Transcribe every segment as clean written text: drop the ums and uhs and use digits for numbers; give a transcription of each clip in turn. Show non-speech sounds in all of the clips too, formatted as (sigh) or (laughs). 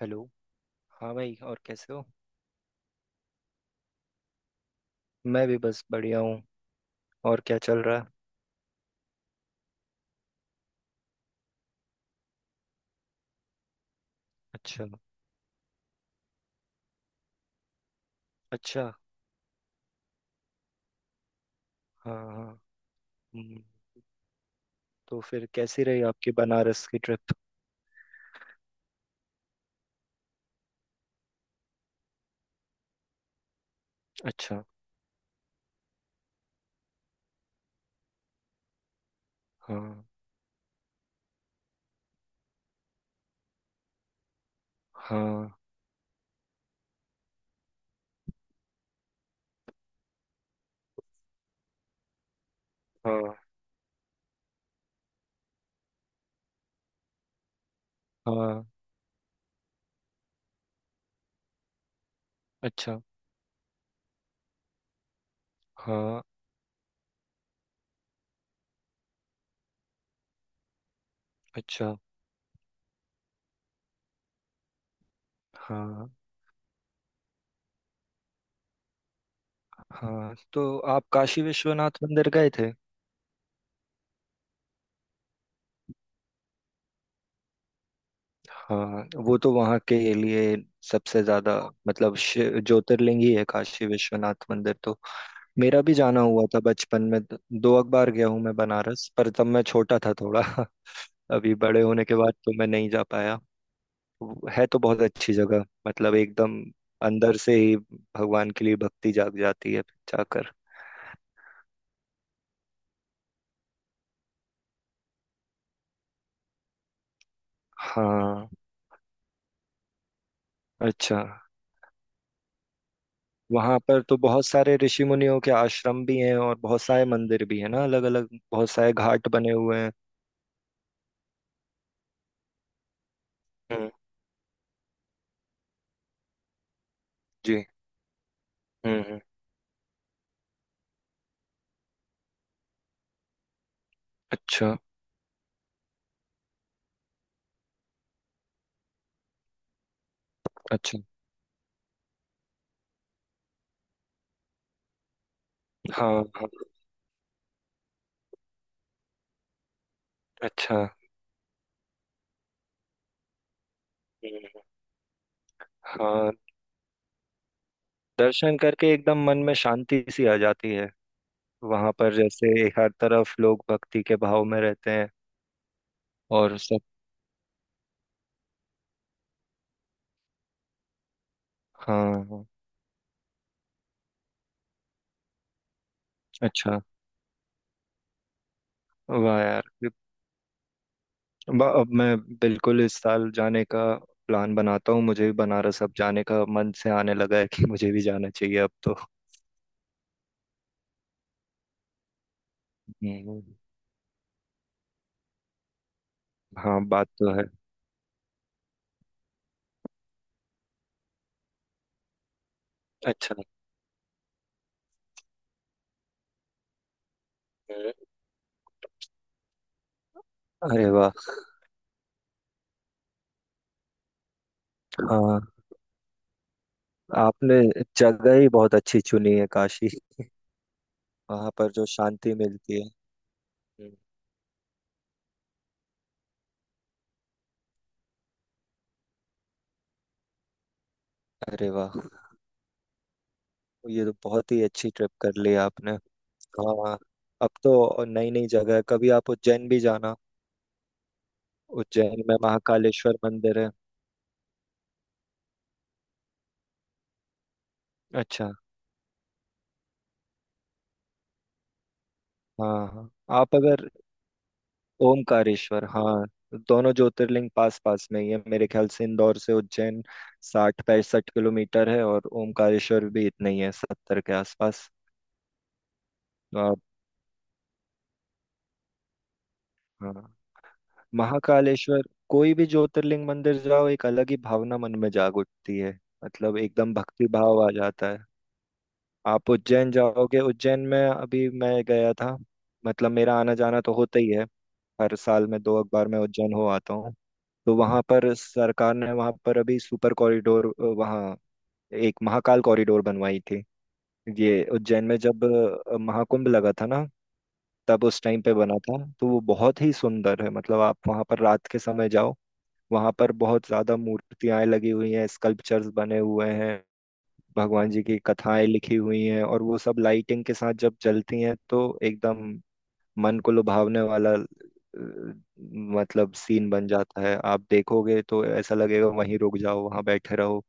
Hello. हाँ भाई, और कैसे हो? मैं भी बस बढ़िया हूँ। और क्या चल रहा है? अच्छा। अच्छा। हाँ हाँ। हम्म, तो फिर कैसी रही आपकी बनारस की ट्रिप? अच्छा। हाँ हाँ हाँ हाँ। अच्छा। हाँ। अच्छा। हाँ हाँ, तो आप काशी विश्वनाथ मंदिर गए थे? हाँ, वो तो वहाँ के लिए सबसे ज्यादा मतलब ज्योतिर्लिंग ही है काशी विश्वनाथ मंदिर तो। मेरा भी जाना हुआ था बचपन में, दो एक बार गया हूँ मैं बनारस, पर तब मैं छोटा था थोड़ा (laughs) अभी बड़े होने के बाद तो मैं नहीं जा पाया। है तो बहुत अच्छी जगह, मतलब एकदम अंदर से ही भगवान के लिए भक्ति जाग जाती है जाकर। हाँ। अच्छा। वहां पर तो बहुत सारे ऋषि मुनियों के आश्रम भी हैं और बहुत सारे मंदिर भी हैं ना, अलग अलग बहुत सारे घाट बने हुए हैं। हम्म। जी। हम्म। अच्छा। अच्छा। हाँ हाँ। अच्छा। हम्म। हाँ, दर्शन करके एकदम मन में शांति सी आ जाती है। वहां पर जैसे हर तरफ लोग भक्ति के भाव में रहते हैं। और सब। हाँ हाँ। अच्छा। वाह यार। अब मैं बिल्कुल इस साल जाने का प्लान बनाता हूँ। मुझे भी बनारस अब जाने का मन से आने लगा है कि मुझे भी जाना चाहिए अब तो। हम्म। हाँ बात तो है। अच्छा। हम्म। अरे वाह। हाँ। आपने जगह ही बहुत अच्छी चुनी है, काशी। वहाँ पर जो शांति मिलती है। हम्म। अरे वाह। ये तो बहुत ही अच्छी ट्रिप कर ली आपने। हाँ। अब तो नई नई जगह है, कभी आप उज्जैन भी जाना। उज्जैन में महाकालेश्वर मंदिर है। अच्छा। हाँ हाँ। आप अगर ओमकारेश्वर, हाँ, दोनों ज्योतिर्लिंग पास पास में ही है मेरे ख्याल से। इंदौर से उज्जैन 60-65 किलोमीटर है और ओमकारेश्वर भी इतना ही है, 70 के आसपास। तो आप, हाँ, महाकालेश्वर। कोई भी ज्योतिर्लिंग मंदिर जाओ एक अलग ही भावना मन में जाग उठती है, मतलब एकदम भक्ति भाव आ जाता है। आप उज्जैन जाओगे, उज्जैन में अभी मैं गया था, मतलब मेरा आना जाना तो होता ही है। हर साल में दो अखबार में उज्जैन हो आता हूँ। तो वहाँ पर सरकार ने वहाँ पर अभी सुपर कॉरिडोर, वहाँ एक महाकाल कॉरिडोर बनवाई थी। ये उज्जैन में जब महाकुंभ लगा था ना, तब उस टाइम पे बना था, तो वो बहुत ही सुंदर है। मतलब आप वहाँ पर रात के समय जाओ, वहाँ पर बहुत ज्यादा मूर्तियां लगी हुई हैं, स्कल्पचर्स बने हुए हैं। भगवान जी की कथाएं लिखी हुई हैं और वो सब लाइटिंग के साथ जब जलती हैं तो एकदम मन को लुभावने वाला मतलब सीन बन जाता है। आप देखोगे तो ऐसा लगेगा वहीं रुक जाओ, वहां बैठे रहो।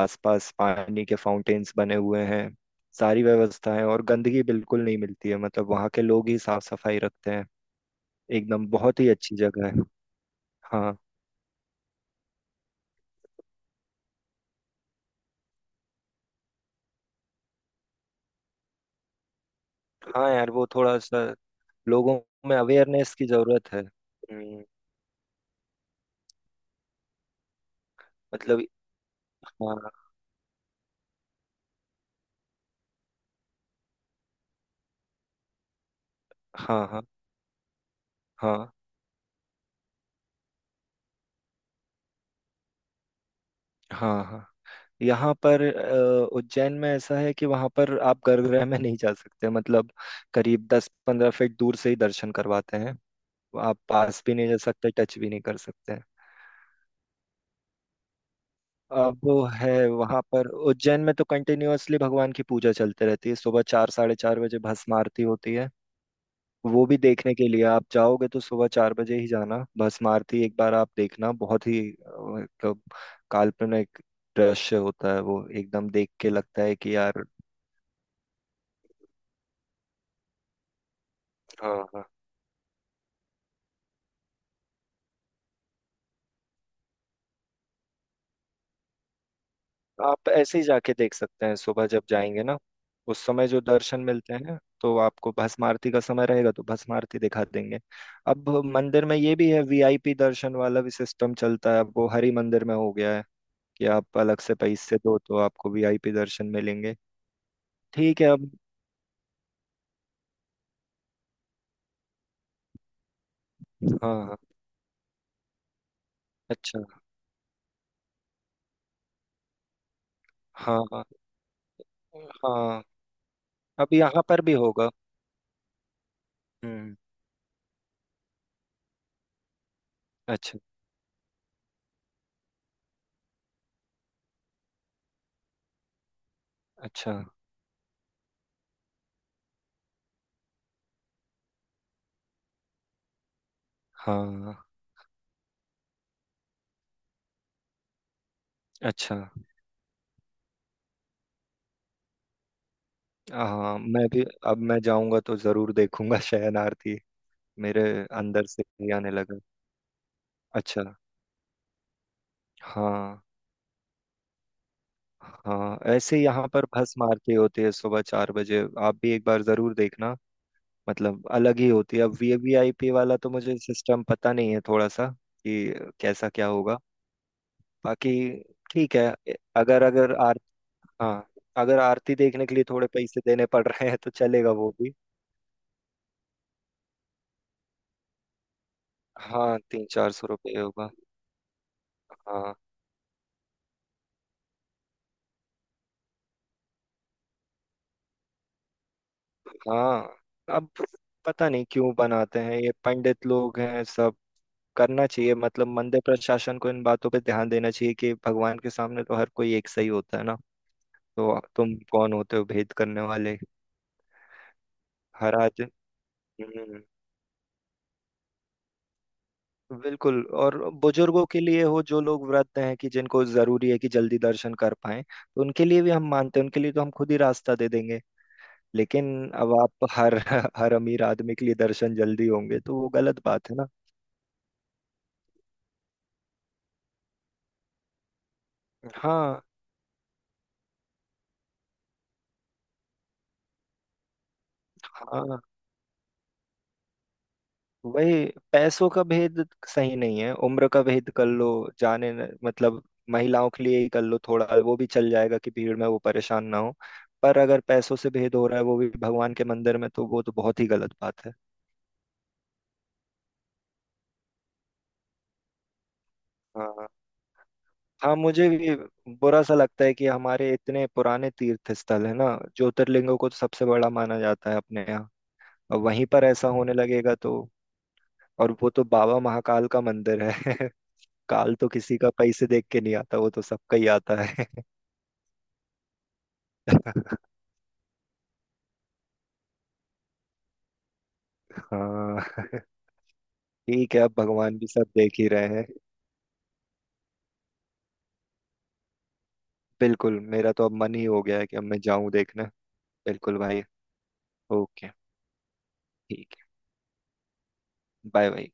आसपास पानी के फाउंटेन्स बने हुए हैं, सारी व्यवस्था है और गंदगी बिल्कुल नहीं मिलती है। मतलब वहाँ के लोग ही साफ सफाई रखते हैं, एकदम बहुत ही अच्छी जगह है। हाँ। हाँ यार, वो थोड़ा सा लोगों में अवेयरनेस की जरूरत है। मतलब। हाँ हाँ हाँ हाँ। हाँ हाँ। यहाँ पर उज्जैन में ऐसा है कि वहाँ पर आप गर्भगृह में नहीं जा सकते। मतलब करीब 10-15 फीट दूर से ही दर्शन करवाते हैं। आप पास भी नहीं जा सकते, टच भी नहीं कर सकते। अब वो है, वहाँ पर उज्जैन में तो कंटिन्यूअसली भगवान की पूजा चलते रहती है। सुबह 4, साढ़े 4 बजे भस्म आरती होती है। वो भी देखने के लिए आप जाओगे तो सुबह 4 बजे ही जाना। भस्म आरती एक बार आप देखना, बहुत ही मतलब काल्पनिक दृश्य होता है। वो एकदम देख के लगता है कि यार, हाँ हाँ। आप ऐसे ही जाके देख सकते हैं। सुबह जब जाएंगे ना, उस समय जो दर्शन मिलते हैं तो आपको भस्म आरती का समय रहेगा तो भस्म आरती दिखा देंगे। अब मंदिर में ये भी है, वीआईपी दर्शन वाला भी सिस्टम चलता है। अब वो हरि मंदिर में हो गया है कि आप अलग से पैसे दो तो आपको वीआईपी दर्शन मिलेंगे। ठीक है अब। हाँ। अच्छा। हाँ हाँ। हाँ। अब यहाँ पर भी होगा। हम्म। अच्छा। अच्छा। हाँ। अच्छा। हाँ, मैं भी अब मैं जाऊंगा तो जरूर देखूंगा शयन आरती। मेरे अंदर से ही आने लगा। अच्छा। हाँ हाँ, ऐसे यहाँ पर भस्म आरती होती है सुबह 4 बजे। आप भी एक बार जरूर देखना, मतलब अलग ही होती है। अब वीवीआईपी वाला तो मुझे सिस्टम पता नहीं है थोड़ा सा कि कैसा क्या होगा। बाकी ठीक है। अगर अगर आर हाँ, अगर आरती देखने के लिए थोड़े पैसे देने पड़ रहे हैं तो चलेगा वो भी। हाँ, 300-400 रुपये होगा। हाँ हाँ। अब पता नहीं क्यों बनाते हैं ये पंडित लोग हैं सब। करना चाहिए, मतलब मंदिर प्रशासन को इन बातों पे ध्यान देना चाहिए कि भगवान के सामने तो हर कोई एक सही होता है ना। तो तुम कौन होते हो भेद करने वाले। हर आज बिल्कुल, और बुजुर्गों के लिए हो, जो लोग व्रत हैं कि जिनको जरूरी है कि जल्दी दर्शन कर पाए तो उनके लिए भी हम मानते हैं, उनके लिए तो हम खुद ही रास्ता दे देंगे। लेकिन अब आप हर (laughs) हर अमीर आदमी के लिए दर्शन जल्दी होंगे तो वो गलत बात है ना। हाँ हाँ। वही पैसों का भेद सही नहीं है, उम्र का भेद कर लो। जाने न- मतलब महिलाओं के लिए ही कर लो थोड़ा, वो भी चल जाएगा कि भीड़ में वो परेशान ना हो। पर अगर पैसों से भेद हो रहा है वो भी भगवान के मंदिर में, तो वो तो बहुत ही गलत बात है। हाँ हाँ। मुझे भी बुरा सा लगता है कि हमारे इतने पुराने तीर्थ स्थल है ना, ज्योतिर्लिंगों को तो सबसे बड़ा माना जाता है अपने यहाँ। अब वहीं पर ऐसा होने लगेगा तो। और वो तो बाबा महाकाल का मंदिर है (laughs) काल तो किसी का पैसे देख के नहीं आता, वो तो सबका ही आता है (laughs) हाँ (laughs) ठीक है, अब भगवान भी सब देख ही रहे हैं। बिल्कुल, मेरा तो अब मन ही हो गया है कि अब मैं जाऊं देखने। बिल्कुल भाई। ओके। ठीक है। Bye bye.